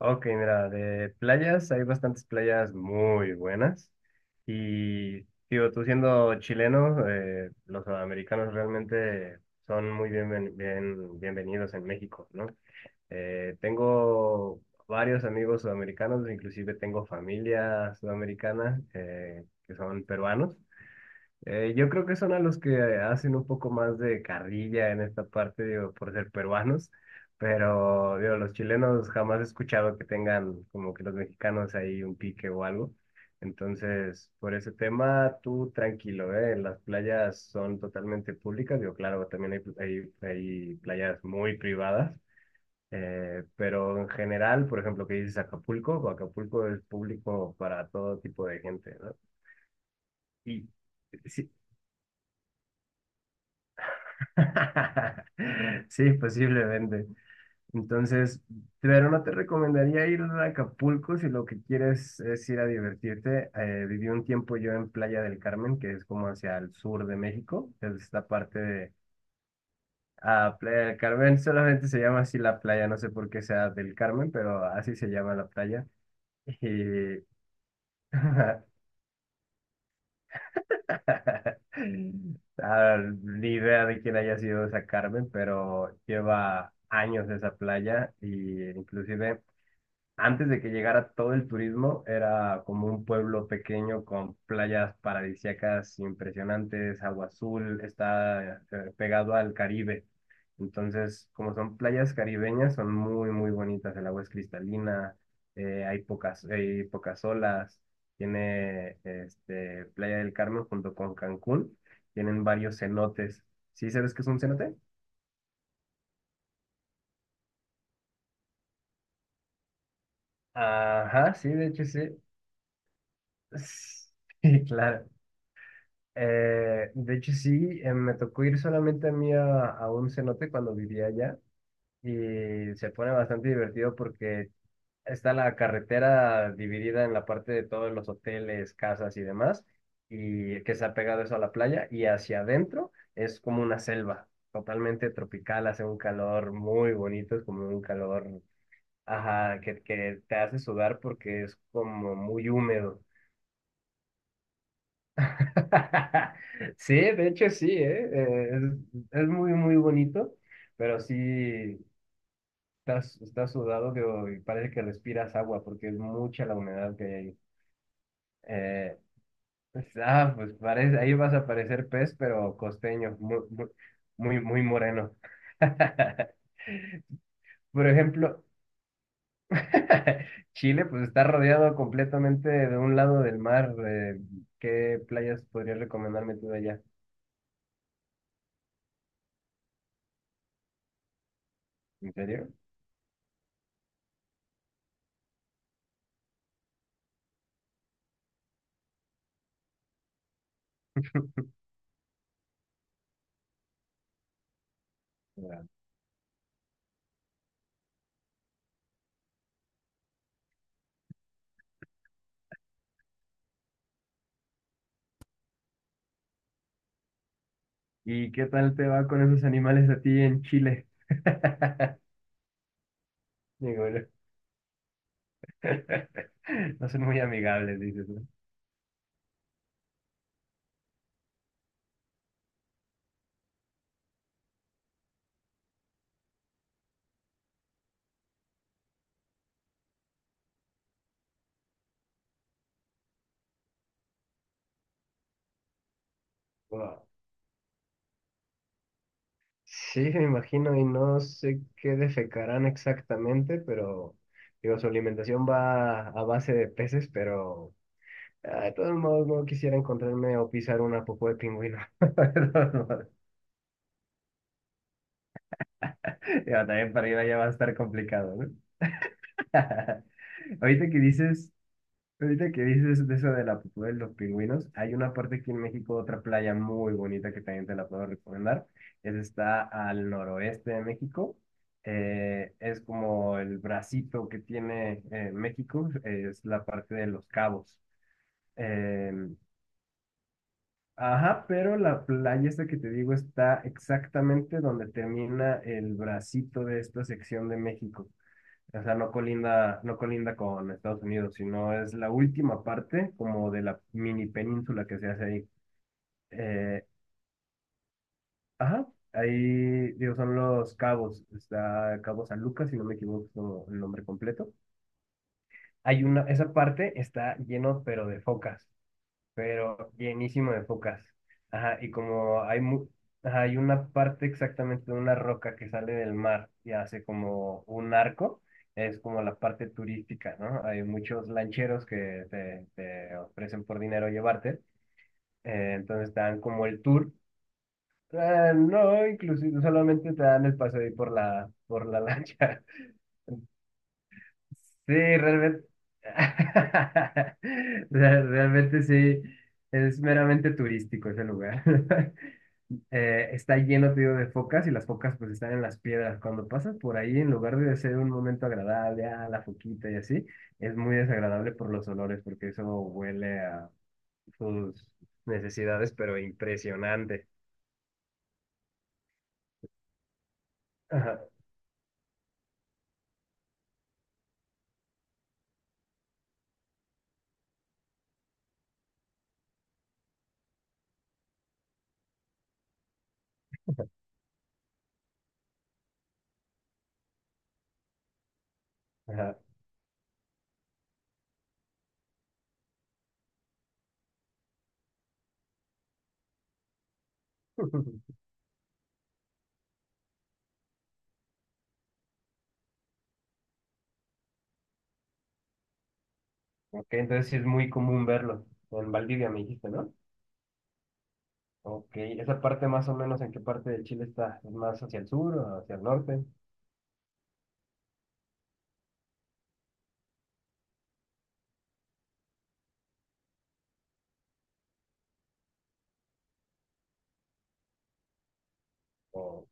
Ok, mira, de playas, hay bastantes playas muy buenas. Y, digo, tú siendo chileno, los sudamericanos realmente son muy bienvenidos en México, ¿no? Tengo varios amigos sudamericanos, inclusive tengo familia sudamericana que son peruanos. Yo creo que son a los que hacen un poco más de carrilla en esta parte, digo, por ser peruanos, pero digo, los chilenos jamás he escuchado que tengan como que los mexicanos ahí un pique o algo. Entonces, por ese tema, tú tranquilo, ¿eh? Las playas son totalmente públicas, digo, claro, también hay, hay playas muy privadas, pero en general, por ejemplo, que dices Acapulco, Acapulco es público para todo tipo de gente, ¿no? Y sí. Sí, posiblemente. Entonces, pero no te recomendaría ir a Acapulco si lo que quieres es ir a divertirte. Viví un tiempo yo en Playa del Carmen, que es como hacia el sur de México. Es esta parte de ah, Playa del Carmen. Solamente se llama así la playa, no sé por qué sea del Carmen, pero así se llama la playa. Y ah, ni idea de quién haya sido esa Carmen, pero lleva años esa playa y inclusive antes de que llegara todo el turismo, era como un pueblo pequeño con playas paradisíacas impresionantes, agua azul, está pegado al Caribe. Entonces, como son playas caribeñas, son muy, muy bonitas. El agua es cristalina, hay pocas olas. Tiene este, Playa del Carmen junto con Cancún. Tienen varios cenotes. ¿Sí sabes qué es un cenote? Ajá, sí, de hecho sí. Sí, claro. De hecho, sí, me tocó ir solamente a mí a un cenote cuando vivía allá y se pone bastante divertido porque está la carretera dividida en la parte de todos los hoteles, casas y demás, y que se ha pegado eso a la playa y hacia adentro es como una selva totalmente tropical, hace un calor muy bonito, es como un calor, ajá, que te hace sudar porque es como muy húmedo. Sí, de hecho sí, ¿eh? Es muy, muy bonito, pero sí estás sudado que y parece que respiras agua porque es mucha la humedad que hay ahí. Eh, pues, ah, pues parece, ahí vas a parecer pez, pero costeño, muy, muy, muy, muy moreno. Por ejemplo, Chile pues está rodeado completamente de un lado del mar. ¿Qué playas podrías recomendarme tú de allá? ¿En serio? ¿Y qué tal te va con esos animales a ti en Chile? Ninguno. No son muy amigables, dices, ¿no? Wow. Sí, me imagino, y no sé qué defecarán exactamente, pero digo, su alimentación va a base de peces, pero ah, de todos modos no quisiera encontrarme o pisar una popó de pingüino. De todos modos, digo, también para ir allá va a estar complicado, ¿no? Ahorita que dices Ahorita que dices de eso de la pupú de los pingüinos, hay una parte aquí en México, otra playa muy bonita que también te la puedo recomendar. Está al noroeste de México. Es como el bracito que tiene México, es la parte de Los Cabos. Eh, ajá, pero la playa esta que te digo está exactamente donde termina el bracito de esta sección de México. O sea, no colinda, no colinda con Estados Unidos, sino es la última parte como de la mini península que se hace ahí. Eh, ajá, ahí digo, son los Cabos. Está Cabo San Lucas, si no me equivoco es como el nombre completo. Esa parte está lleno, pero de focas, pero llenísimo de focas. Ajá, y como hay, mu- ajá, hay una parte exactamente de una roca que sale del mar y hace como un arco, es como la parte turística, ¿no? Hay muchos lancheros que te ofrecen por dinero llevarte, entonces te dan como el tour. No, inclusive solamente te dan el paseo ahí por la, lancha. Sí, realmente. Realmente sí, es meramente turístico ese lugar. Está lleno, te digo, de focas y las focas pues están en las piedras. Cuando pasas por ahí, en lugar de ser un momento agradable, ah, la foquita y así, es muy desagradable por los olores, porque eso huele a sus necesidades, pero impresionante. Ajá, ajá. Ok, entonces sí es muy común verlo. En Valdivia me dijiste, ¿no? Ok, ¿esa parte más o menos en qué parte de Chile está? ¿Es más hacia el sur o hacia el norte? O,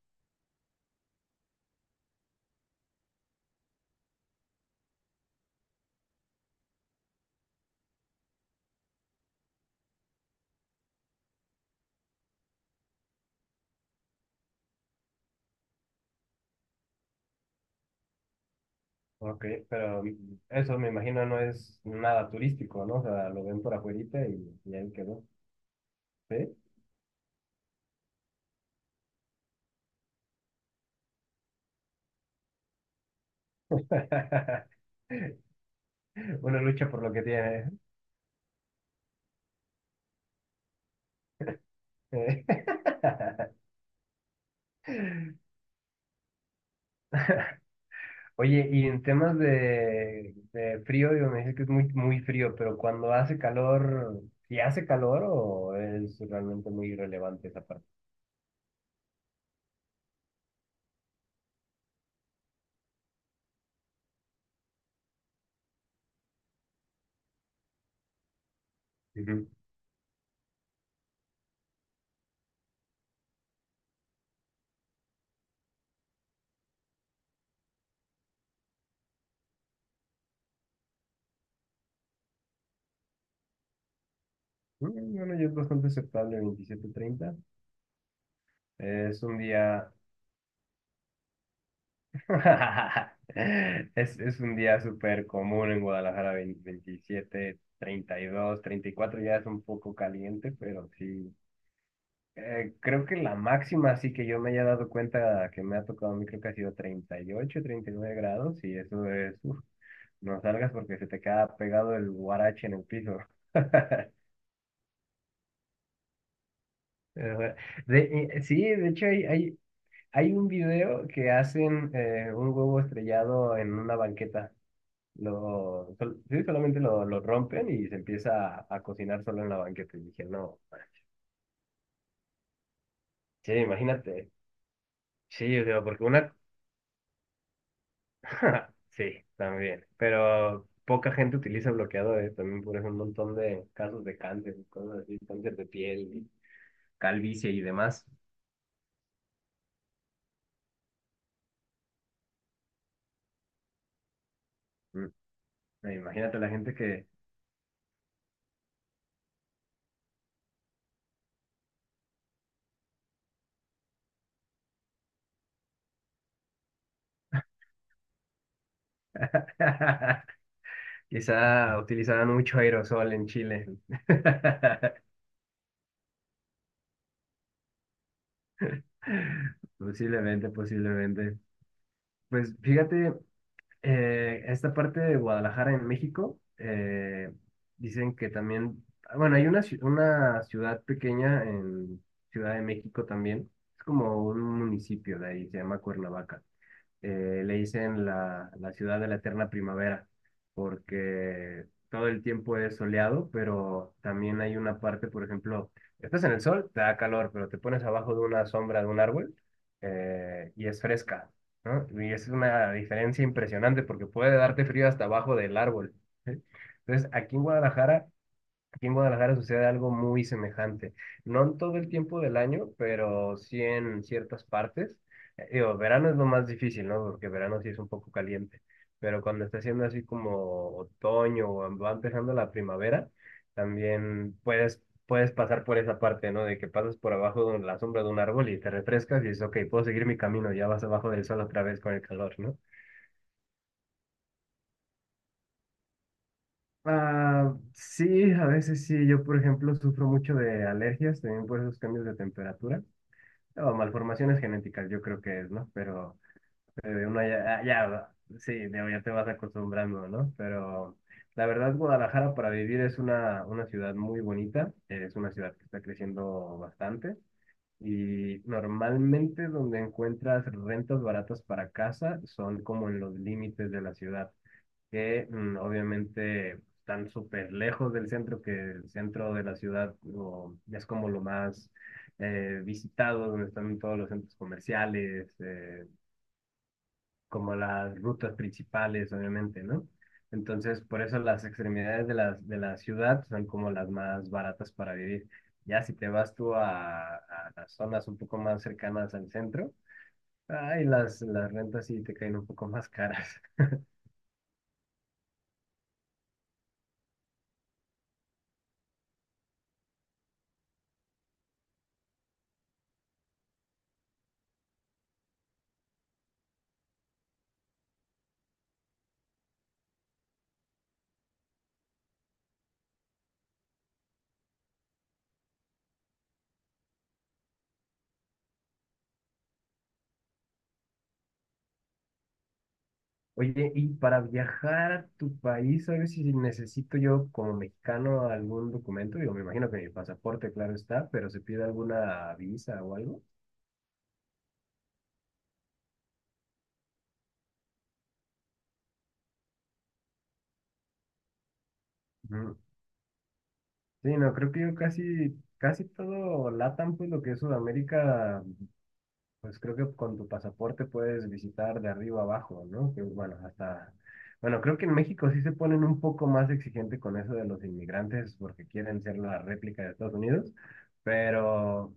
ok, pero eso me imagino no es nada turístico, ¿no? O sea, lo ven por afuerita y ahí quedó. ¿Sí? Una lucha por lo que tiene. ¿Eh? Oye, y en temas de frío, digo, me dice que es muy, muy frío, pero cuando hace calor, ¿si hace calor o es realmente muy irrelevante esa parte? Mm, bueno, ya es bastante aceptable 27 30. Es un día... Es un día súper común en Guadalajara, 20 27 32 34 ya es un poco caliente, pero sí. Creo que la máxima, así que yo me haya dado cuenta que me ha tocado a mí, creo que ha sido 30 38 39 grados y eso es... uf, no salgas porque se te queda pegado el guarache en el piso. Eh, sí, de hecho hay un video que hacen un huevo estrellado en una banqueta. Sí, solamente lo rompen y se empieza a cocinar solo en la banqueta. Y dije, no, sí, imagínate. Sí, o sea, porque una... Sí, también. Pero poca gente utiliza bloqueadores. También por eso un montón de casos de cáncer, y cosas así, cáncer de piel, y calvicie y demás. Mm. Imagínate la gente que quizá utilizaban mucho aerosol en Chile. Posiblemente, posiblemente. Pues fíjate, esta parte de Guadalajara en México, dicen que también, bueno, hay una ciudad pequeña en Ciudad de México también, es como un municipio de ahí, se llama Cuernavaca. Le dicen la ciudad de la eterna primavera, porque todo el tiempo es soleado, pero también hay una parte, por ejemplo, estás en el sol, te da calor, pero te pones abajo de una sombra de un árbol y es fresca, ¿no? Y es una diferencia impresionante porque puede darte frío hasta abajo del árbol. ¿Sí? Entonces, aquí en Guadalajara sucede algo muy semejante. No en todo el tiempo del año, pero sí en ciertas partes. Digo, verano es lo más difícil, ¿no? Porque verano sí es un poco caliente. Pero cuando está haciendo así como otoño o va empezando la primavera, también puedes pasar por esa parte, ¿no? De que pasas por abajo de la sombra de un árbol y te refrescas y dices, ok, puedo seguir mi camino, ya vas abajo del sol otra vez con el calor, ¿no? Ah, sí, a veces sí. Yo, por ejemplo, sufro mucho de alergias, también por esos cambios de temperatura. O malformaciones genéticas, yo creo que es, ¿no? Pero uno ya, ah, ya, sí, digo, ya te vas acostumbrando, ¿no? Pero la verdad, Guadalajara para vivir es una ciudad muy bonita. Es una ciudad que está creciendo bastante. Y normalmente donde encuentras rentas baratas para casa son como en los límites de la ciudad que obviamente están súper lejos del centro, que el centro de la ciudad es como lo más visitado, donde están todos los centros comerciales, como las rutas principales, obviamente, ¿no? Entonces, por eso las extremidades de la ciudad son como las más baratas para vivir. Ya si te vas tú a las zonas un poco más cercanas al centro, ay, las rentas sí te caen un poco más caras. Oye, y para viajar a tu país, ¿sabes si necesito yo como mexicano algún documento? Digo, me imagino que mi pasaporte, claro está, pero se pide alguna visa o algo. Ujú. Sí, no, creo que yo casi, casi todo LATAM, pues lo que es Sudamérica. Pues creo que con tu pasaporte puedes visitar de arriba abajo, ¿no? Que bueno, hasta... Bueno, creo que en México sí se ponen un poco más exigente con eso de los inmigrantes porque quieren ser la réplica de Estados Unidos, pero,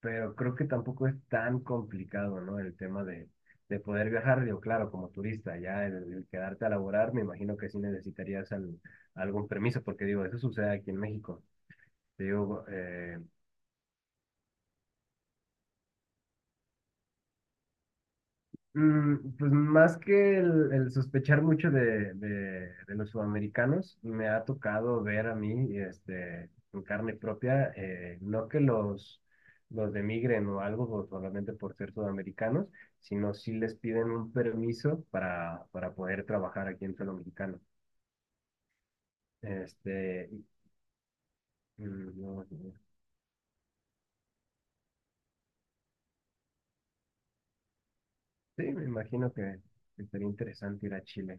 pero creo que tampoco es tan complicado, ¿no? El tema de poder viajar, digo, claro, como turista, ya el quedarte a laborar, me imagino que sí necesitarías algún permiso, porque digo, eso sucede aquí en México. Te digo. Mm, pues más que el sospechar mucho de los sudamericanos, me ha tocado ver a mí, este, en carne propia, no que los demigren o algo solamente por ser sudamericanos, sino sí les piden un permiso para poder trabajar aquí en suelo mexicano. Este, no, sí, me imagino que sería interesante ir a Chile.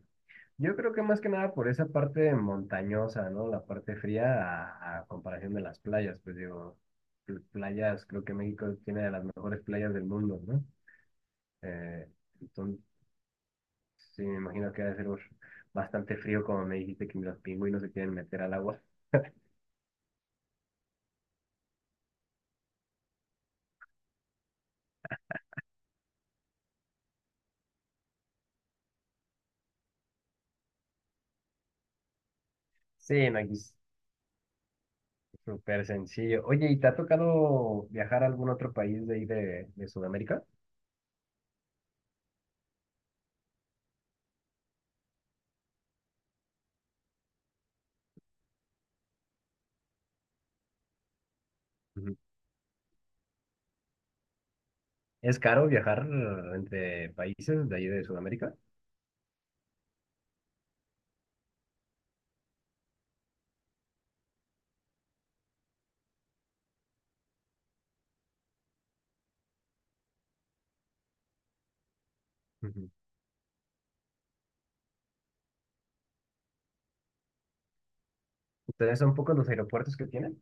Yo creo que más que nada por esa parte montañosa, ¿no? La parte fría a comparación de las playas, pues digo, playas, creo que México tiene de las mejores playas del mundo, ¿no? Eh, entonces, sí, me imagino que debe ser uf, bastante frío, como me dijiste que ni los pingüinos se quieren meter al agua. Sí, no, aquí es súper sencillo. Oye, ¿y te ha tocado viajar a algún otro país de ahí de Sudamérica? Ujú. ¿Es caro viajar entre países de ahí de Sudamérica? Ujú. ¿Ustedes son pocos los aeropuertos que tienen?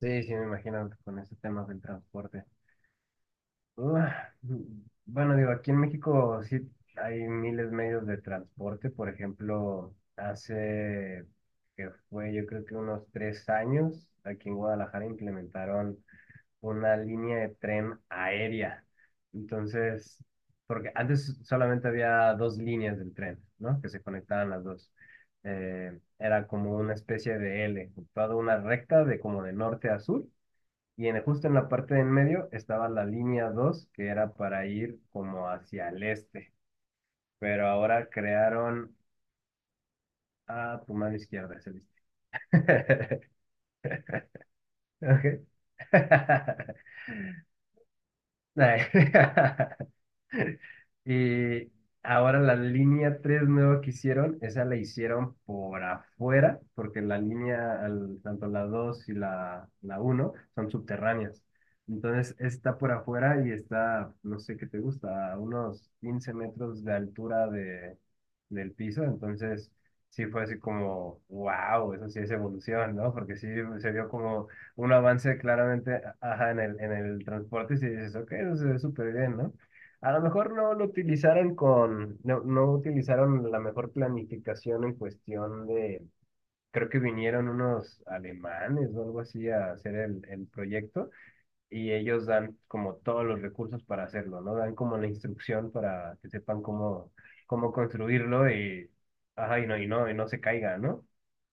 Sí, sí, me imagino con ese tema del transporte. Ah, bueno, digo, aquí en México sí hay miles de medios de transporte. Por ejemplo, hace que fue yo creo que unos 3 años, aquí en Guadalajara implementaron una línea de tren aérea. Entonces, porque antes solamente había dos líneas del tren, ¿no? Que se conectaban las dos. Era como una especie de L, toda una recta de como de norte a sur y justo en la parte de en medio estaba la línea 2 que era para ir como hacia el este. Pero ahora crearon a tu mano izquierda, es el este. Ok. Y ahora la línea 3 nueva que hicieron, esa la hicieron por afuera, porque tanto la 2 y la uno son subterráneas. Entonces está por afuera y está, no sé qué te gusta, a unos 15 metros de altura del piso. Entonces sí fue así como, wow, eso sí es evolución, ¿no? Porque sí se vio como un avance claramente, ajá, en el transporte, si dices, ok, eso se ve súper bien, ¿no? A lo mejor no lo utilizaron con, no, no utilizaron la mejor planificación en cuestión de, creo que vinieron unos alemanes o algo así a hacer el proyecto y ellos dan como todos los recursos para hacerlo, ¿no? Dan como la instrucción para que sepan cómo, construirlo y, ajá, y no, y no, y no se caiga, ¿no?